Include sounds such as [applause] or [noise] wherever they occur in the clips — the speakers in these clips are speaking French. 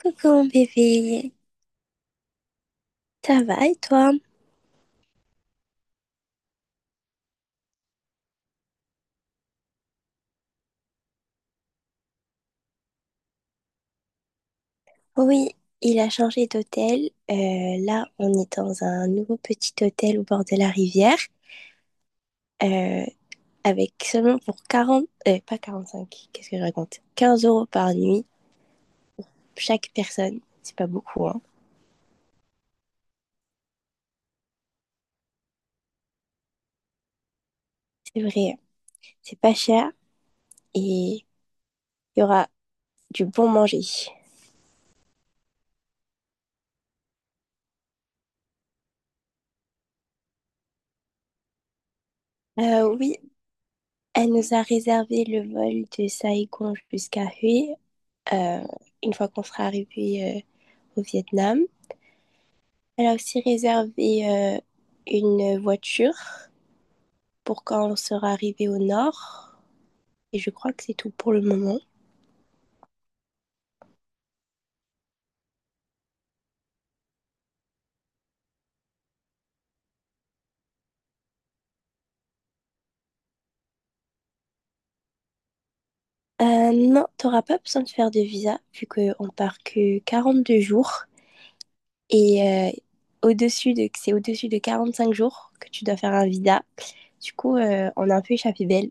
Coucou mon bébé, ça va et toi? Oui, il a changé d'hôtel. Là, on est dans un nouveau petit hôtel au bord de la rivière, euh, avec seulement pour 40, pas cinq, qu'est-ce que je raconte? 15 € par nuit, chaque personne. C'est pas beaucoup, hein. C'est vrai, c'est pas cher et il y aura du bon manger. Oui, elle nous a réservé le vol de Saigon jusqu'à Hue, euh, une fois qu'on sera arrivé au Vietnam. Elle a aussi réservé une voiture pour quand on sera arrivé au nord. Et je crois que c'est tout pour le moment. Non, t'auras pas besoin de faire de visa vu qu'on part que 42 jours. Et c'est au-dessus de 45 jours que tu dois faire un visa. Du coup, on a un peu échappé belle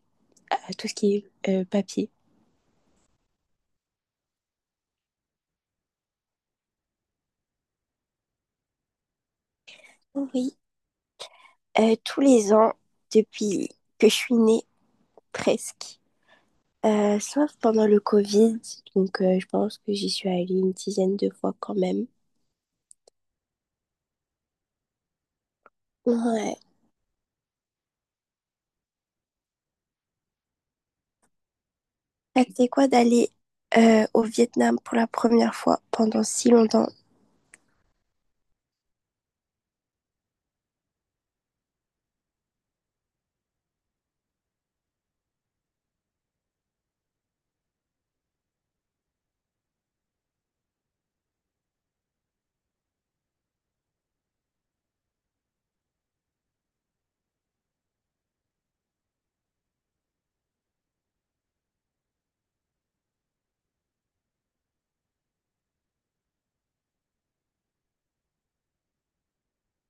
à tout ce qui est papier. Oui, tous les ans, depuis que je suis née, presque. Sauf pendant le Covid, donc je pense que j'y suis allée une dizaine de fois quand même. Ouais. Ça, c'était quoi d'aller au Vietnam pour la première fois pendant si longtemps?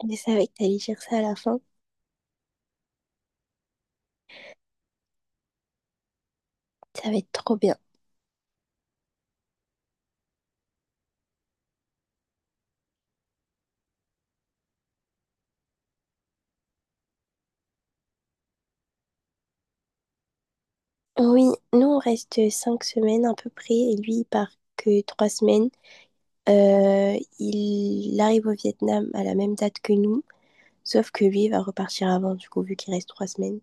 Je savais que t'allais dire ça à la fin. Ça va être trop bien. Oui, nous on reste 5 semaines à peu près et lui il part que 3 semaines. Il arrive au Vietnam à la même date que nous, sauf que lui il va repartir avant du coup vu qu'il reste 3 semaines.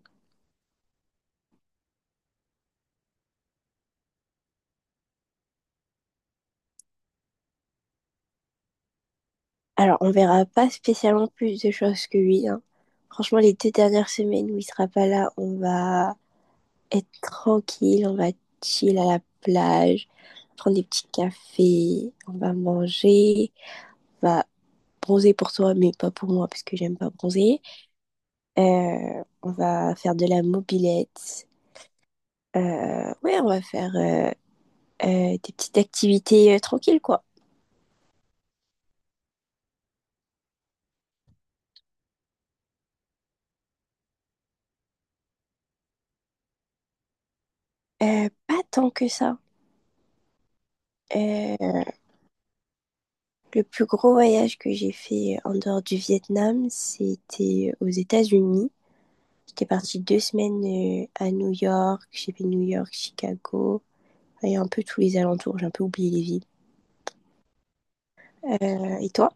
Alors, on verra pas spécialement plus de choses que lui, hein. Franchement, les 2 dernières semaines où il sera pas là, on va être tranquille, on va chill à la plage, prendre des petits cafés, on va manger, on va bronzer pour toi, mais pas pour moi, parce que j'aime pas bronzer. On va faire de la mobilette. Ouais, on va faire des petites activités tranquilles, quoi. Pas tant que ça. Euh, Le plus gros voyage que j'ai fait en dehors du Vietnam, c'était aux États-Unis. J'étais partie 2 semaines à New York. J'ai fait New York, Chicago et un peu tous les alentours. J'ai un peu oublié les villes. Et toi?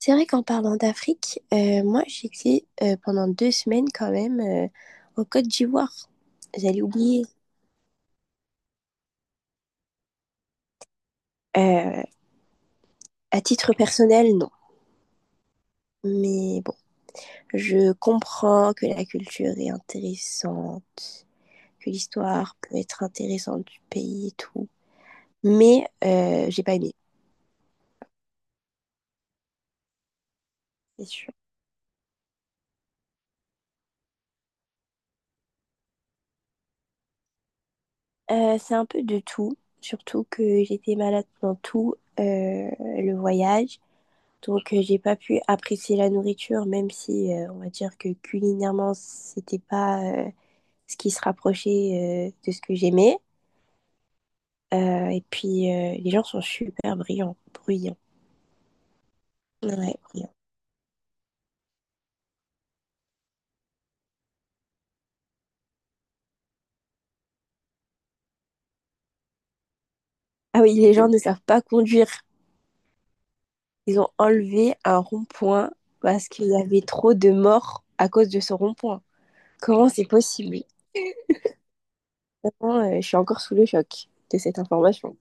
C'est vrai qu'en parlant d'Afrique, moi j'étais pendant 2 semaines quand même en Côte d'Ivoire. J'allais oublier. Euh, à titre personnel, non. Mais bon, je comprends que la culture est intéressante, que l'histoire peut être intéressante du pays et tout. Mais j'ai pas aimé, c'est sûr. C'est un peu de tout, surtout que j'étais malade pendant tout le voyage. Donc j'ai pas pu apprécier la nourriture, même si on va dire que culinairement c'était pas ce qui se rapprochait de ce que j'aimais. Et puis les gens sont super bruyants. Ouais, bruyants. Ah oui, les gens ne savent pas conduire. Ils ont enlevé un rond-point parce qu'il y avait trop de morts à cause de ce rond-point. Comment c'est possible? Vraiment, je suis encore sous le choc de cette information.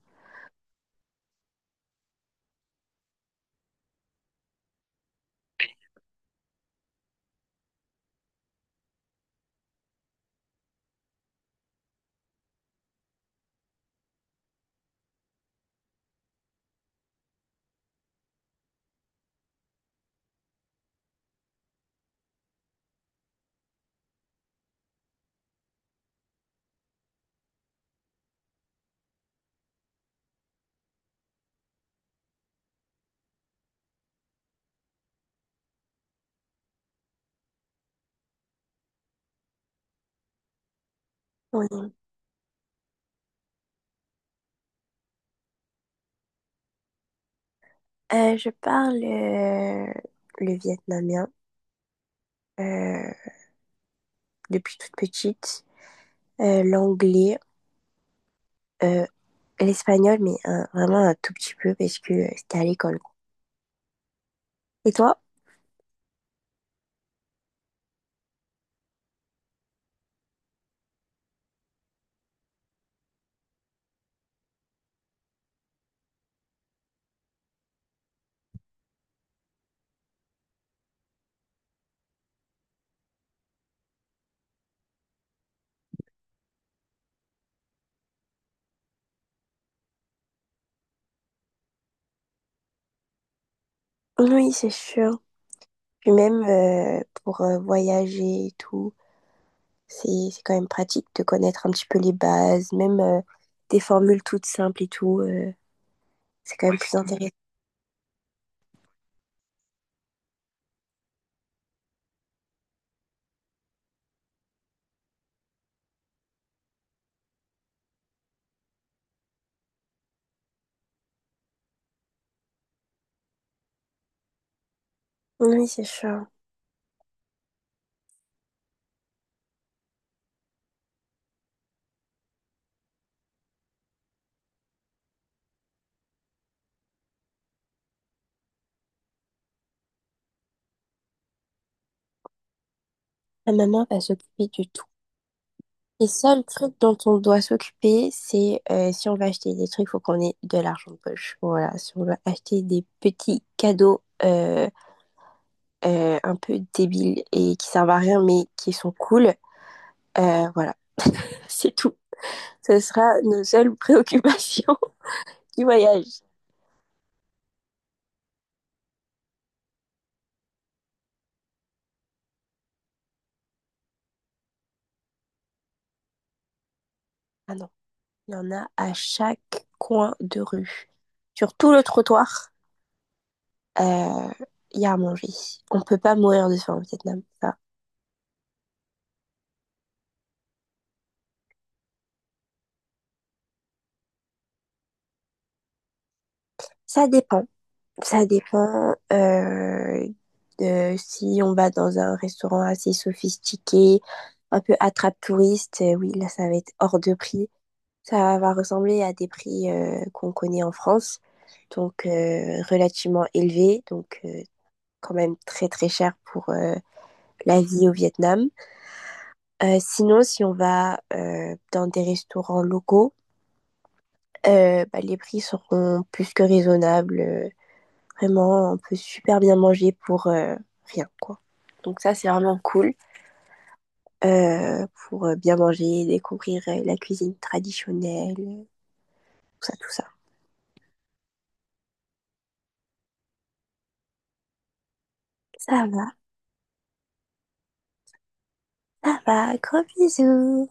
Oui. Je parle le vietnamien euh, depuis toute petite, l'anglais, euh, l'espagnol, mais vraiment un tout petit peu parce que c'était à l'école, quoi. Et toi? Oui, c'est sûr. Puis même pour voyager et tout. C'est quand même pratique de connaître un petit peu les bases, même des formules toutes simples et tout. C'est quand même plus intéressant. Oui, c'est sûr. La maman va s'occuper de tout. Les seuls trucs dont on doit s'occuper, c'est si on va acheter des trucs, il faut qu'on ait de l'argent de poche. Voilà, si on veut acheter des petits cadeaux un peu débiles et qui servent à rien, mais qui sont cool, voilà, c'est tout. Ce sera nos seules préoccupations [laughs] du voyage. Ah non. Il y en a à chaque coin de rue. Sur tout le trottoir, euh, il y a à manger. On peut pas mourir de faim au Vietnam. Ça dépend. Ça dépend de si on va dans un restaurant assez sophistiqué, un peu attrape-touriste. Oui, là, ça va être hors de prix. Ça va ressembler à des prix qu'on connaît en France, donc relativement élevés, quand même très très cher pour la vie au Vietnam. Sinon, si on va dans des restaurants locaux, bah, les prix seront plus que raisonnables. Vraiment, on peut super bien manger pour rien, quoi. Donc ça, c'est vraiment cool pour bien manger, découvrir la cuisine traditionnelle, tout ça, tout ça. Ça va, ça va, gros bisous.